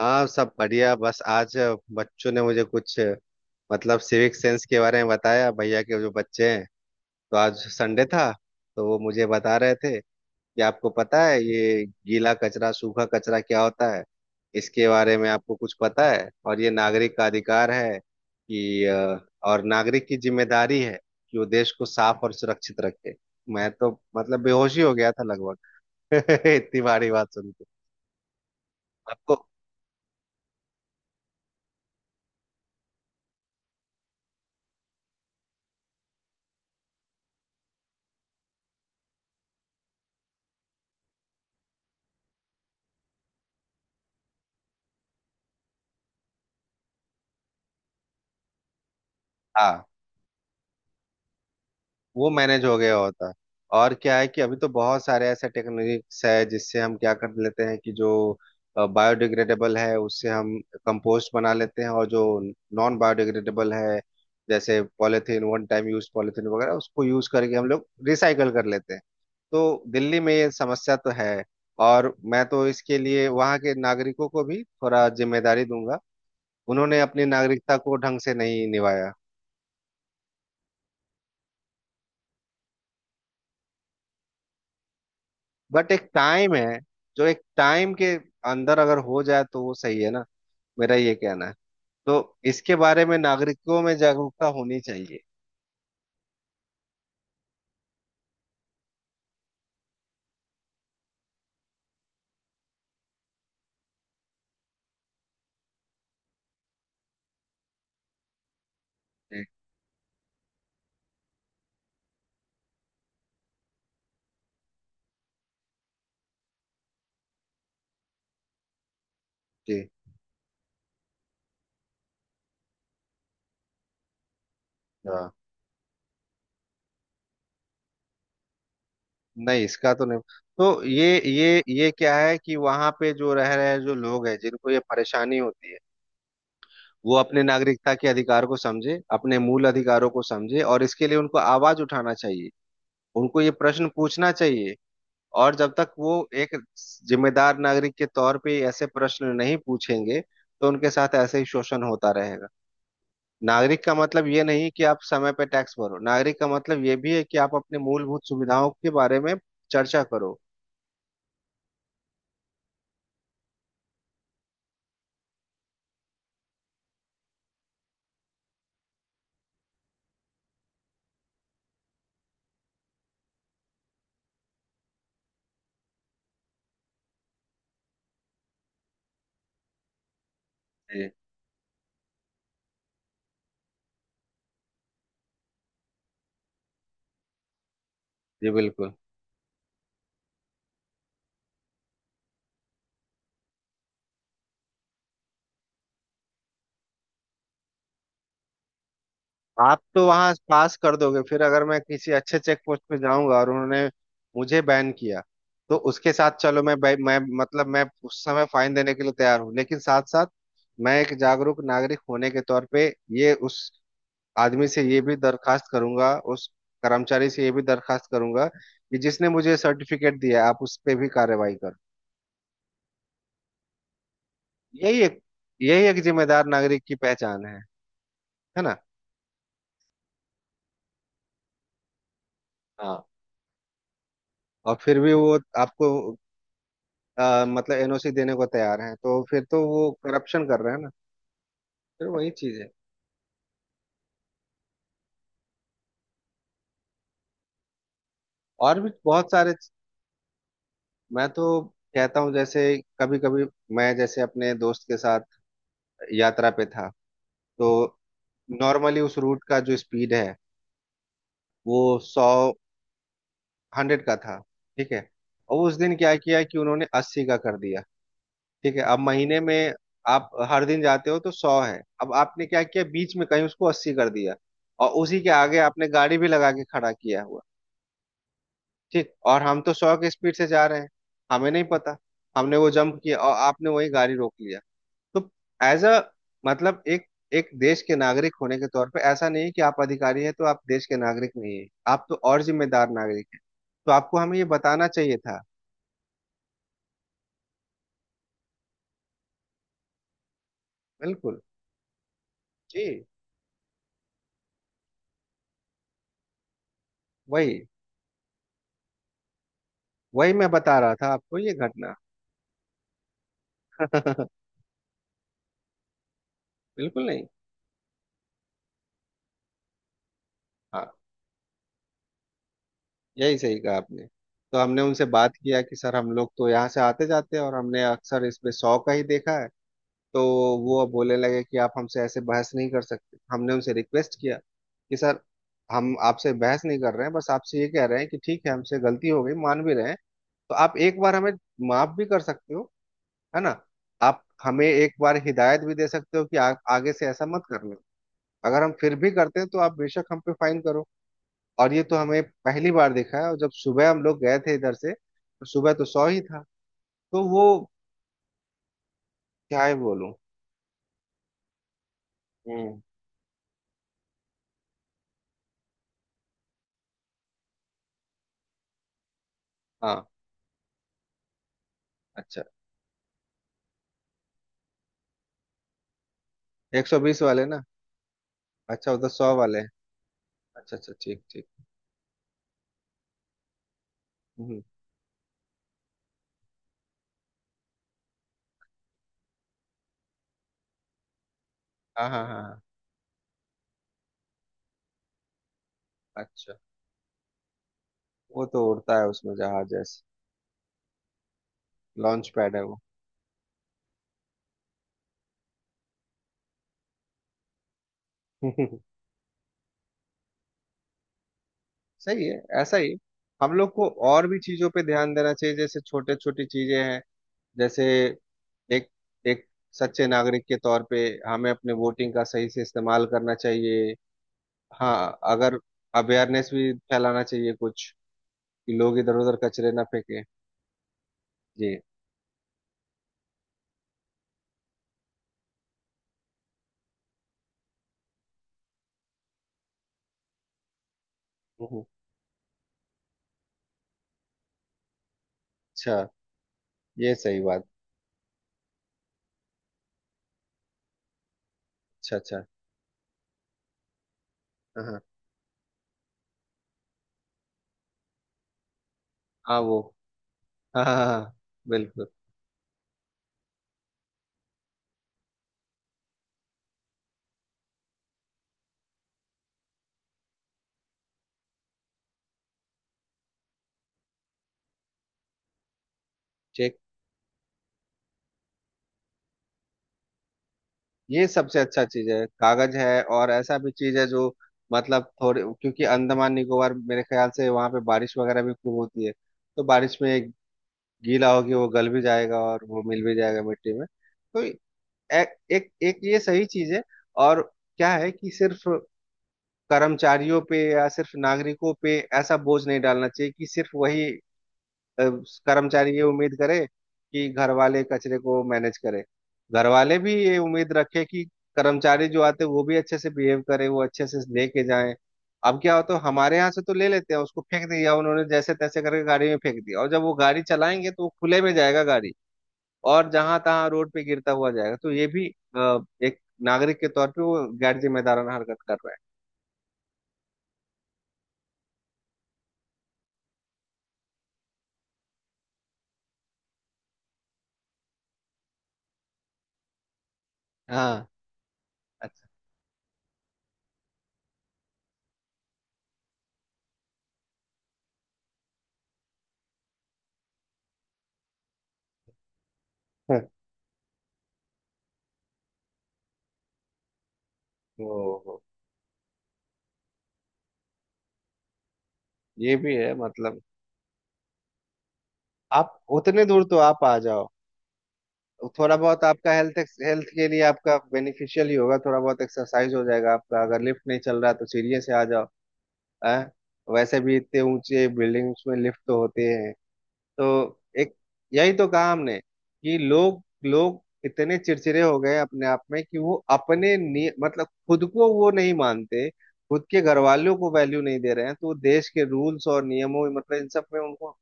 हाँ, सब बढ़िया। बस आज बच्चों ने मुझे कुछ मतलब सिविक सेंस के बारे में बताया। भैया के जो बच्चे हैं, तो आज संडे था, तो वो मुझे बता रहे थे कि आपको पता है ये गीला कचरा सूखा कचरा क्या होता है, इसके बारे में आपको कुछ पता है। और ये नागरिक का अधिकार है कि और नागरिक की जिम्मेदारी है कि वो देश को साफ और सुरक्षित रखे। मैं तो मतलब बेहोश ही हो गया था लगभग इतनी भारी बात सुन के। आपको हाँ, वो मैनेज हो गया होता। और क्या है कि अभी तो बहुत सारे ऐसे टेक्निक्स है जिससे हम क्या कर लेते हैं कि जो बायोडिग्रेडेबल है उससे हम कंपोस्ट बना लेते हैं, और जो नॉन बायोडिग्रेडेबल है जैसे polythene one time use polythene वगैरह उसको यूज करके हम लोग रिसाइकल कर लेते हैं। तो दिल्ली में ये समस्या तो है। और मैं तो इसके लिए वहाँ के नागरिकों को भी थोड़ा जिम्मेदारी दूंगा, उन्होंने अपनी नागरिकता को ढंग से नहीं निभाया। बट एक टाइम है, जो एक टाइम के अंदर अगर हो जाए तो वो सही है ना, मेरा ये कहना है। तो इसके बारे में नागरिकों में जागरूकता होनी चाहिए। जी जी, हाँ। नहीं, इसका तो नहीं। तो ये क्या है कि वहां पे जो रह रहे जो लोग हैं जिनको ये परेशानी होती है, वो अपने नागरिकता के अधिकार को समझे, अपने मूल अधिकारों को समझे, और इसके लिए उनको आवाज उठाना चाहिए, उनको ये प्रश्न पूछना चाहिए। और जब तक वो एक जिम्मेदार नागरिक के तौर पे ऐसे प्रश्न नहीं पूछेंगे, तो उनके साथ ऐसे ही शोषण होता रहेगा। नागरिक का मतलब ये नहीं कि आप समय पे टैक्स भरो, नागरिक का मतलब ये भी है कि आप अपने मूलभूत सुविधाओं के बारे में चर्चा करो। जी। जी बिल्कुल। आप तो वहां पास कर दोगे, फिर अगर मैं किसी अच्छे चेक पोस्ट पे जाऊंगा और उन्होंने मुझे बैन किया, तो उसके साथ चलो मैं बै- मैं मतलब मैं उस समय फाइन देने के लिए तैयार हूँ, लेकिन साथ साथ मैं एक जागरूक नागरिक होने के तौर पे ये उस आदमी से ये भी दरखास्त करूंगा, उस कर्मचारी से ये भी दरखास्त करूंगा कि जिसने मुझे सर्टिफिकेट दिया, आप उस पे भी कार्रवाई करो। यही एक यही एक जिम्मेदार नागरिक की पहचान है ना। हाँ। और फिर भी वो आपको मतलब एनओसी देने को तैयार हैं, तो फिर तो वो करप्शन कर रहे हैं ना। फिर वही चीज है। और भी बहुत सारे। मैं तो कहता हूँ जैसे कभी कभी मैं जैसे अपने दोस्त के साथ यात्रा पे था, तो नॉर्मली उस रूट का जो स्पीड है वो 100 का था, ठीक है। और उस दिन क्या किया कि उन्होंने 80 का कर दिया। ठीक है, अब महीने में आप हर दिन जाते हो तो 100 है, अब आपने क्या किया बीच में कहीं उसको 80 कर दिया, और उसी के आगे आपने गाड़ी भी लगा के खड़ा किया हुआ। ठीक, और हम तो 100 की स्पीड से जा रहे हैं, हमें नहीं पता, हमने वो जंप किया और आपने वही गाड़ी रोक लिया। तो एज अ मतलब एक एक देश के नागरिक होने के तौर पे, ऐसा नहीं है कि आप अधिकारी हैं तो आप देश के नागरिक नहीं है, आप तो और जिम्मेदार नागरिक हैं, तो आपको हमें ये बताना चाहिए था। बिल्कुल। जी, वही वही मैं बता रहा था आपको ये घटना। बिल्कुल नहीं। हाँ, यही सही कहा आपने। तो हमने उनसे बात किया कि सर हम लोग तो यहाँ से आते जाते हैं और हमने अक्सर इसमें 100 का ही देखा है। तो वो अब बोलने लगे कि आप हमसे ऐसे बहस नहीं कर सकते, हमने उनसे रिक्वेस्ट किया कि सर हम आपसे बहस नहीं कर रहे हैं, बस आपसे ये कह रहे हैं कि ठीक है हमसे गलती हो गई, मान भी रहे हैं। तो आप एक बार हमें माफ भी कर सकते हो, है ना। आप हमें एक बार हिदायत भी दे सकते हो कि आगे से ऐसा मत करना, अगर हम फिर भी करते हैं तो आप बेशक हम पे फाइन करो। और ये तो हमें पहली बार दिखा है, और जब सुबह हम लोग गए थे इधर से तो सुबह तो 100 ही था। तो वो क्या ही बोलूं। हम्म। हाँ। अच्छा। 120 वाले ना। अच्छा उधर 100 वाले हैं। अच्छा अच्छा, ठीक ठीक। हम्म। हाँ हाँ हाँ हाँ, अच्छा। वो तो उड़ता है उसमें जहाज जैसे। लॉन्च पैड है वो। सही है, ऐसा ही। हम लोग को और भी चीजों पे ध्यान देना चाहिए, जैसे छोटे छोटी चीजें हैं। जैसे एक एक सच्चे नागरिक के तौर पे हमें अपने वोटिंग का सही से इस्तेमाल करना चाहिए। हाँ, अगर अवेयरनेस भी फैलाना चाहिए कुछ कि लोग इधर उधर कचरे ना फेंके। जी। हम्म, अच्छा। ये सही बात। अच्छा अच्छा। हाँ हाँ हाँ, वो हाँ हाँ हाँ, हाँ, बिल्कुल। ठीक। ये सबसे अच्छा चीज है कागज है, और ऐसा भी चीज है जो मतलब थोड़े क्योंकि अंडमान निकोबार मेरे ख्याल से वहां पे बारिश वगैरह भी खूब होती है, तो बारिश में गीला होगी वो गल भी जाएगा और वो मिल भी जाएगा मिट्टी में। तो एक एक ये सही चीज है। और क्या है कि सिर्फ कर्मचारियों पे या सिर्फ नागरिकों पे ऐसा बोझ नहीं डालना चाहिए कि सिर्फ वही अ, कर्मचारी ये उम्मीद करे कि घर वाले कचरे को मैनेज करे, घर वाले भी ये उम्मीद रखे कि कर्मचारी जो आते हैं वो भी अच्छे से बिहेव करे, वो अच्छे से लेके जाए। अब क्या होता है हमारे यहाँ से तो ले लेते हैं, उसको फेंक दिया उन्होंने जैसे तैसे करके गाड़ी में फेंक दिया, और जब वो गाड़ी चलाएंगे तो वो खुले में जाएगा गाड़ी, और जहां तहां रोड पे गिरता हुआ जाएगा। तो ये भी अ, एक नागरिक के तौर पे वो गैर जिम्मेदाराना हरकत कर रहा है। हाँ। अच्छा। ओ, हो। ये भी है मतलब। आप उतने दूर तो आप आ जाओ, तो थोड़ा बहुत आपका हेल्थ हेल्थ के लिए आपका बेनिफिशियल ही होगा, थोड़ा बहुत एक्सरसाइज हो जाएगा आपका। अगर लिफ्ट नहीं चल रहा है तो सीढ़ियों से आ जाओ, हैं वैसे भी इतने ऊंचे बिल्डिंग्स में लिफ्ट तो होते हैं। तो एक यही तो कहा हमने कि लोग लोग इतने चिड़चिड़े हो गए अपने आप में, कि वो अपने मतलब खुद को वो नहीं मानते, खुद के घर वालों को वैल्यू नहीं दे रहे हैं, तो देश के रूल्स और नियमों मतलब इन सब में उनको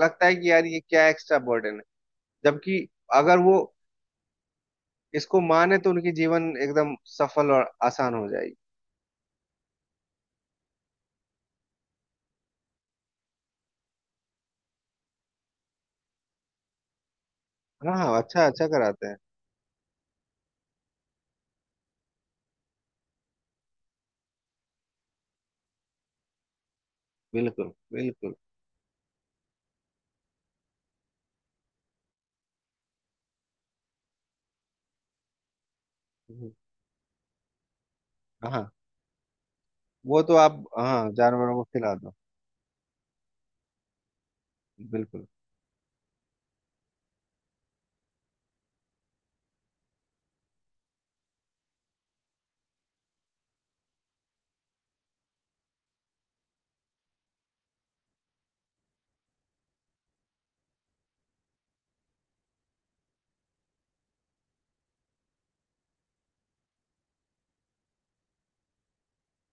लगता है कि यार ये क्या एक्स्ट्रा बर्डन है। जबकि अगर वो इसको माने तो उनकी जीवन एकदम सफल और आसान हो जाएगी। हाँ हाँ, अच्छा अच्छा कराते हैं। बिल्कुल बिल्कुल। हम्म, हाँ, वो तो आप हाँ जानवरों को खिला दो। बिल्कुल।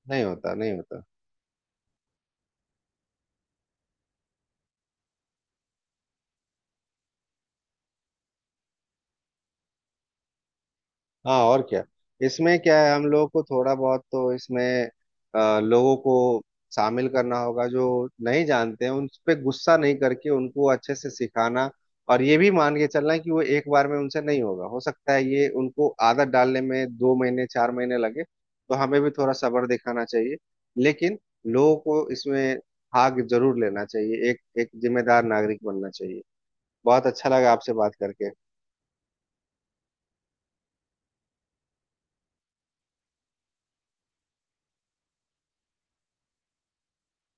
नहीं होता, नहीं होता। हाँ, और क्या। इसमें क्या है हम लोगों को थोड़ा बहुत तो इसमें लोगों को शामिल करना होगा, जो नहीं जानते हैं उन पे गुस्सा नहीं करके उनको अच्छे से सिखाना। और ये भी मान के चलना कि वो एक बार में उनसे नहीं होगा, हो सकता है ये उनको आदत डालने में 2 महीने 4 महीने लगे, तो हमें भी थोड़ा सब्र दिखाना चाहिए। लेकिन लोगों को इसमें भाग जरूर लेना चाहिए, एक एक जिम्मेदार नागरिक बनना चाहिए। बहुत अच्छा लगा आपसे बात करके।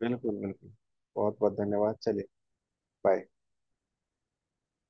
बिल्कुल बिल्कुल, बहुत बहुत धन्यवाद। चलिए, बाय।